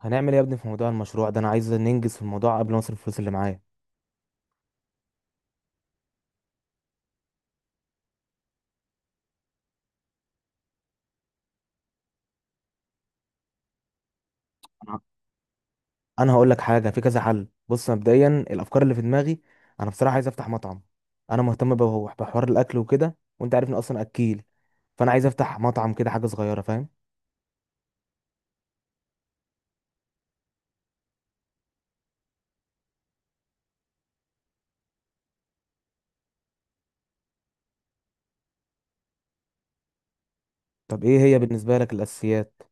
هنعمل ايه يا ابني في موضوع المشروع ده؟ انا عايز ننجز في الموضوع قبل ما اصرف الفلوس اللي معايا. انا أنا هقول لك حاجه، في كذا حل. بص، مبدئيا الافكار اللي في دماغي، انا بصراحه عايز افتح مطعم. انا مهتم بحوار الاكل وكده، وانت عارف اني اصلا اكيل. فانا عايز افتح مطعم كده، حاجه صغيره، فاهم؟ طب ايه هي بالنسبه لك الاساسيات؟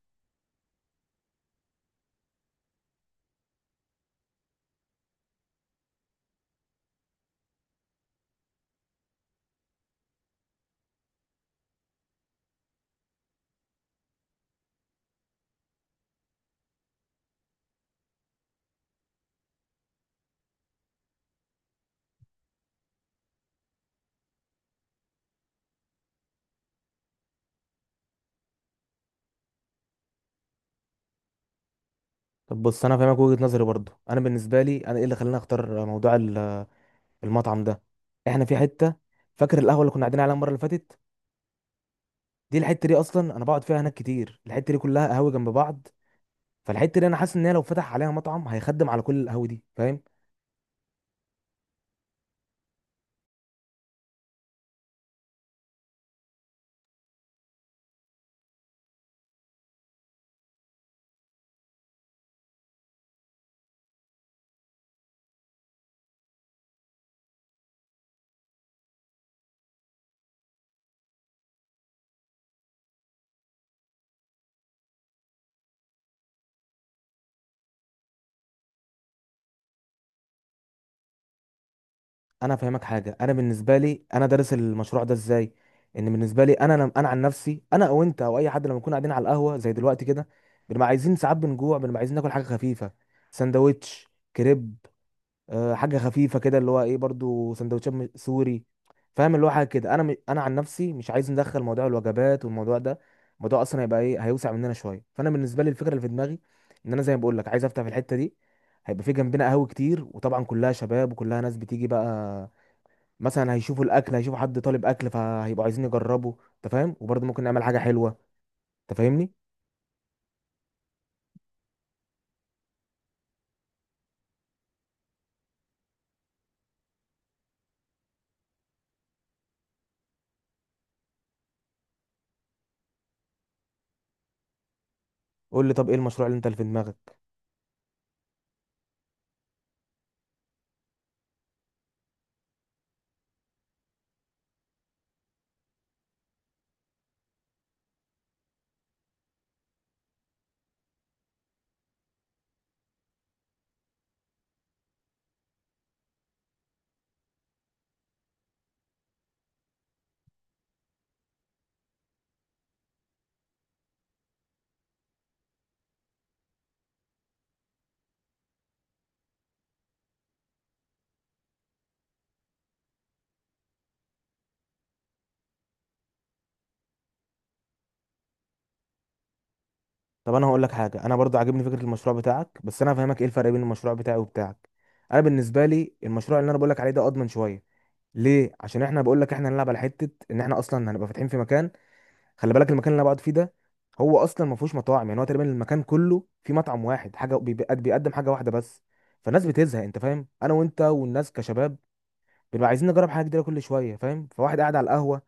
طب بص، انا فاهمك. وجهه نظري برضو، انا بالنسبه لي، انا ايه اللي خلاني اختار موضوع المطعم ده؟ احنا في حته، فاكر القهوه اللي كنا قاعدين عليها المره اللي فاتت؟ دي الحته دي اصلا انا بقعد فيها هناك كتير. الحته دي كلها قهاوي جنب بعض. فالحته دي انا حاسس ان هي لو فتح عليها مطعم هيخدم على كل القهوه دي، فاهم؟ انا فاهمك حاجه. انا بالنسبه لي انا دارس المشروع ده ازاي، ان بالنسبه لي انا انا عن نفسي، انا او انت او اي حد، لما نكون قاعدين على القهوه زي دلوقتي كده، بنبقى عايزين ساعات، بنجوع، بنبقى عايزين ناكل حاجه خفيفه. سندوتش، كريب، حاجه خفيفه كده، اللي هو ايه، برضو سندوتشات سوري، فاهم؟ اللي هو حاجه كده. انا انا عن نفسي مش عايز ندخل موضوع الوجبات والموضوع ده، الموضوع اصلا هيبقى ايه، هيوسع مننا شويه. فانا بالنسبه لي الفكره اللي في دماغي ان انا زي ما بقول لك عايز افتح في الحته دي، هيبقى في جنبنا قهوه كتير، وطبعا كلها شباب وكلها ناس بتيجي بقى. مثلا هيشوفوا الاكل، هيشوفوا حد طالب اكل، فهيبقوا عايزين يجربوا، انت فاهم؟ وبرضه ممكن نعمل حاجه حلوه، انت فاهمني؟ قول لي، طب ايه المشروع اللي انت اللي في دماغك؟ طب انا هقول لك حاجه. انا برضو عاجبني فكره المشروع بتاعك، بس انا هفهمك ايه الفرق بين المشروع بتاعي وبتاعك. انا بالنسبه لي المشروع اللي انا بقول لك عليه ده اضمن شويه. ليه؟ عشان احنا، بقول لك، احنا هنلعب على حته ان احنا اصلا هنبقى فاتحين في مكان، خلي بالك المكان اللي انا بقعد فيه ده هو اصلا ما فيهوش مطاعم. يعني هو تقريبا المكان كله فيه مطعم واحد، حاجه بيقدم حاجه واحده بس. فالناس بتزهق. انت فاهم، انا وانت والناس كشباب بنبقى عايزين نجرب حاجه جديده كل شويه، فاهم؟ فواحد قاعد على القهوه،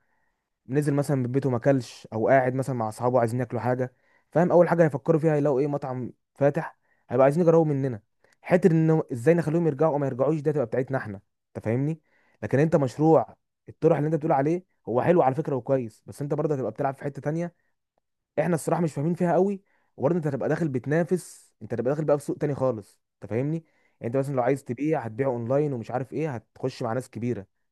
نزل مثلا من بيته ما اكلش، او قاعد مثلا مع اصحابه عايزين ياكلوا حاجه، فاهم؟ اول حاجه هيفكروا فيها، هيلاقوا ايه؟ مطعم فاتح، هيبقى عايزين يجربوا مننا. حته ان ازاي نخليهم يرجعوا او ما يرجعوش، ده تبقى بتاعتنا احنا، انت فاهمني؟ لكن انت مشروع الطرح اللي انت بتقول عليه هو حلو على فكره وكويس، بس انت برضه هتبقى بتلعب في حته تانية احنا الصراحه مش فاهمين فيها قوي، وبرضه انت هتبقى داخل بتنافس، انت هتبقى داخل بقى في سوق تاني خالص، انت فاهمني؟ يعني انت مثلا لو عايز تبيع، هتبيع اونلاين ومش عارف ايه، هتخش مع ناس كبيره.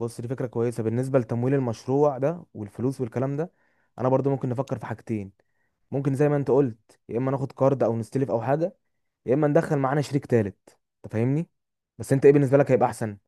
بص، دي فكرة كويسة بالنسبة لتمويل المشروع ده والفلوس والكلام ده. انا برضو ممكن نفكر في حاجتين. ممكن زي ما انت قلت يا اما ناخد كارد او نستلف او حاجة، يا اما ندخل معانا شريك تالت، انت فاهمني؟ بس انت ايه بالنسبة لك هيبقى احسن؟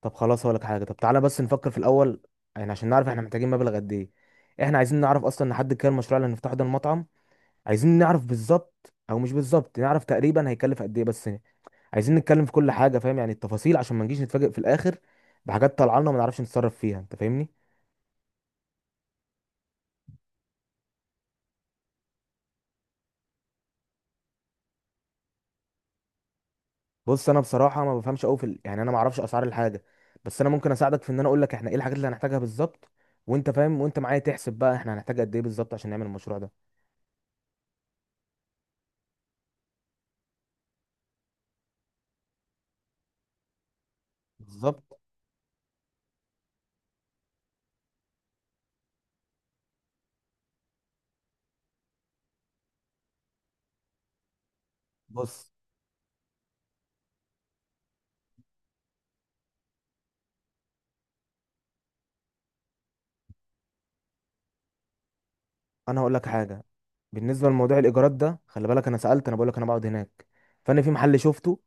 طب خلاص، هقول لك حاجة. طب تعالى بس نفكر في الاول، يعني عشان نعرف احنا محتاجين مبلغ قد ايه. احنا عايزين نعرف اصلا نحدد كام المشروع اللي هنفتحه ده المطعم. عايزين نعرف بالظبط، او مش بالظبط، نعرف تقريبا هيكلف قد ايه بس. عايزين نتكلم في كل حاجه، فاهم؟ يعني التفاصيل عشان ما نجيش نتفاجئ في الاخر بحاجات طالعه لنا وما نعرفش نتصرف فيها، انت فاهمني؟ بص انا بصراحه ما بفهمش قوي في يعني انا ما اعرفش اسعار الحاجه، بس انا ممكن اساعدك في ان انا اقول لك احنا ايه الحاجات اللي هنحتاجها بالظبط، وانت فاهم وانت معايا تحسب بقى احنا هنحتاج قد ايه بالظبط عشان نعمل المشروع ده. بالظبط. بص انا هقول لك حاجه. بالنسبه لموضوع الايجارات ده، خلي بالك انا سالت، انا بقول لك انا بقعد هناك، فانا في محل شفته،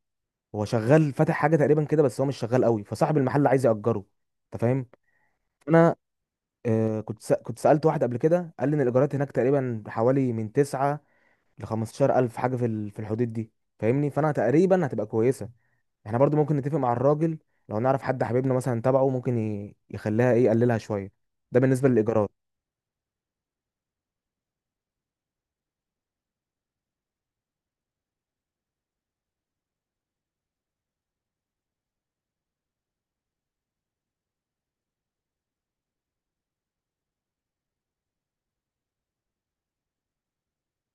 هو شغال فاتح حاجه تقريبا كده بس هو مش شغال قوي، فصاحب المحل عايز ياجره، انت فاهم؟ انا كنت سألت واحد قبل كده، قال لي ان الايجارات هناك تقريبا حوالي من 9 ل 15000 الف حاجه في في الحدود دي، فاهمني؟ فانا تقريبا هتبقى كويسه. احنا برضو ممكن نتفق مع الراجل، لو نعرف حد حبيبنا مثلا تبعه ممكن يخليها ايه، يقللها شويه. ده بالنسبه للايجارات.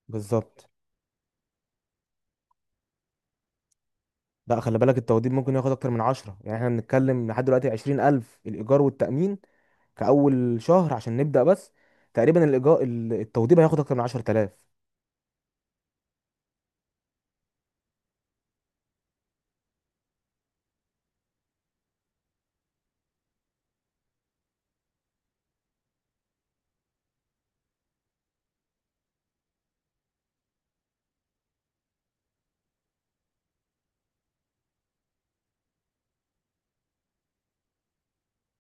بالظبط. لا، خلي بالك التوضيب ممكن ياخد اكتر من 10. يعني احنا بنتكلم لحد دلوقتي 20000 الايجار والتامين كاول شهر عشان نبدا بس. تقريبا الايجار التوضيب هياخد اكتر من 10000.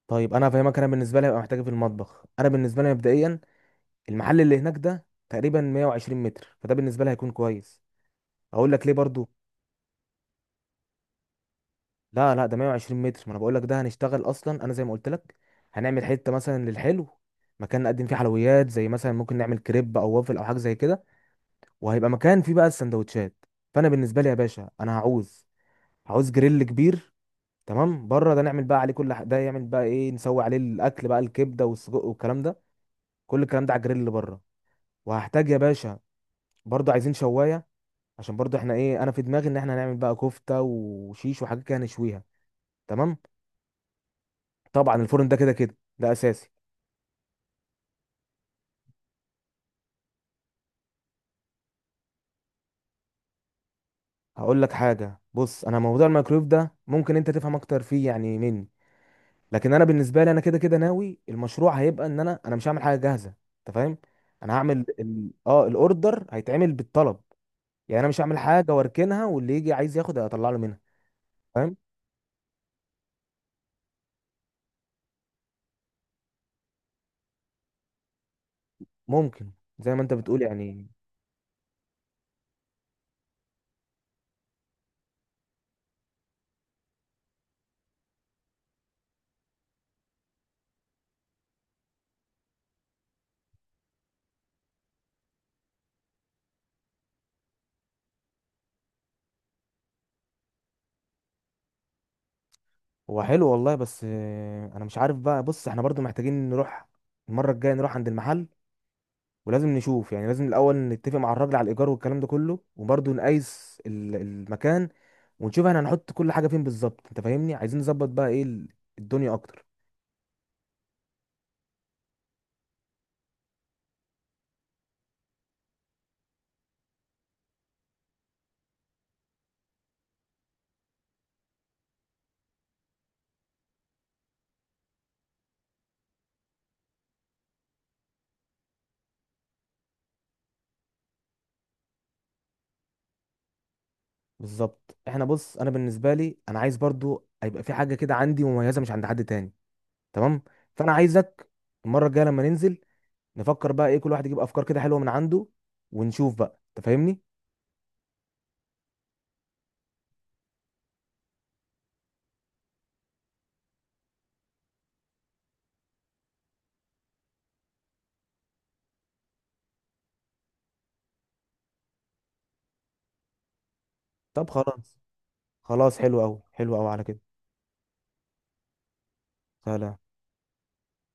طيب انا فاهمك. انا بالنسبه لي هبقى محتاج إيه في المطبخ؟ انا بالنسبه لي مبدئيا المحل اللي هناك ده تقريبا 120 متر، فده بالنسبه لي هيكون كويس. اقول لك ليه برضو. لا لا، ده 120 متر. ما انا بقول لك ده هنشتغل اصلا. انا زي ما قلت لك هنعمل حته مثلا للحلو، مكان نقدم فيه حلويات، زي مثلا ممكن نعمل كريب او وافل او حاجه زي كده. وهيبقى مكان فيه بقى السندوتشات. فانا بالنسبه لي يا باشا، انا هعوز، هعوز جريل كبير تمام بره، ده نعمل بقى عليه كل ده يعمل بقى ايه، نسوي عليه الاكل بقى، الكبده والسجق والكلام ده، كل الكلام ده على الجريل اللي بره. وهحتاج يا باشا برضو عايزين شوايه، عشان برضو احنا ايه، انا في دماغي ان احنا هنعمل بقى كفته وشيش وحاجات كده نشويها، تمام. طبعا الفرن ده كده كده ده اساسي. هقول لك حاجه. بص انا موضوع الميكرويف ده ممكن انت تفهم اكتر فيه يعني مني، لكن انا بالنسبه لي انا كده كده ناوي المشروع هيبقى ان انا مش هعمل حاجه جاهزه، انت فاهم؟ انا هعمل ال... اه الاوردر هيتعمل بالطلب. يعني انا مش هعمل حاجه واركنها واللي يجي عايز ياخد اطلع له منها، فاهم؟ ممكن، زي ما انت بتقول يعني. هو حلو والله، بس انا مش عارف بقى. بص احنا برضو محتاجين نروح المره الجايه، نروح عند المحل، ولازم نشوف، يعني لازم الاول نتفق مع الراجل على الايجار والكلام ده كله، وبرضو نقيس المكان، ونشوف احنا هنحط كل حاجه فين بالظبط، انت فاهمني؟ عايزين نظبط بقى ايه الدنيا اكتر. بالظبط. احنا بص، انا بالنسبه لي انا عايز برضو هيبقى في حاجه كده عندي مميزه مش عند حد تاني، تمام؟ فانا عايزك المره الجايه لما ننزل نفكر بقى ايه، كل واحد يجيب افكار كده حلوه من عنده ونشوف بقى، انت فاهمني؟ طب خلاص، خلاص حلو قوي، حلو قوي على كده. سهله.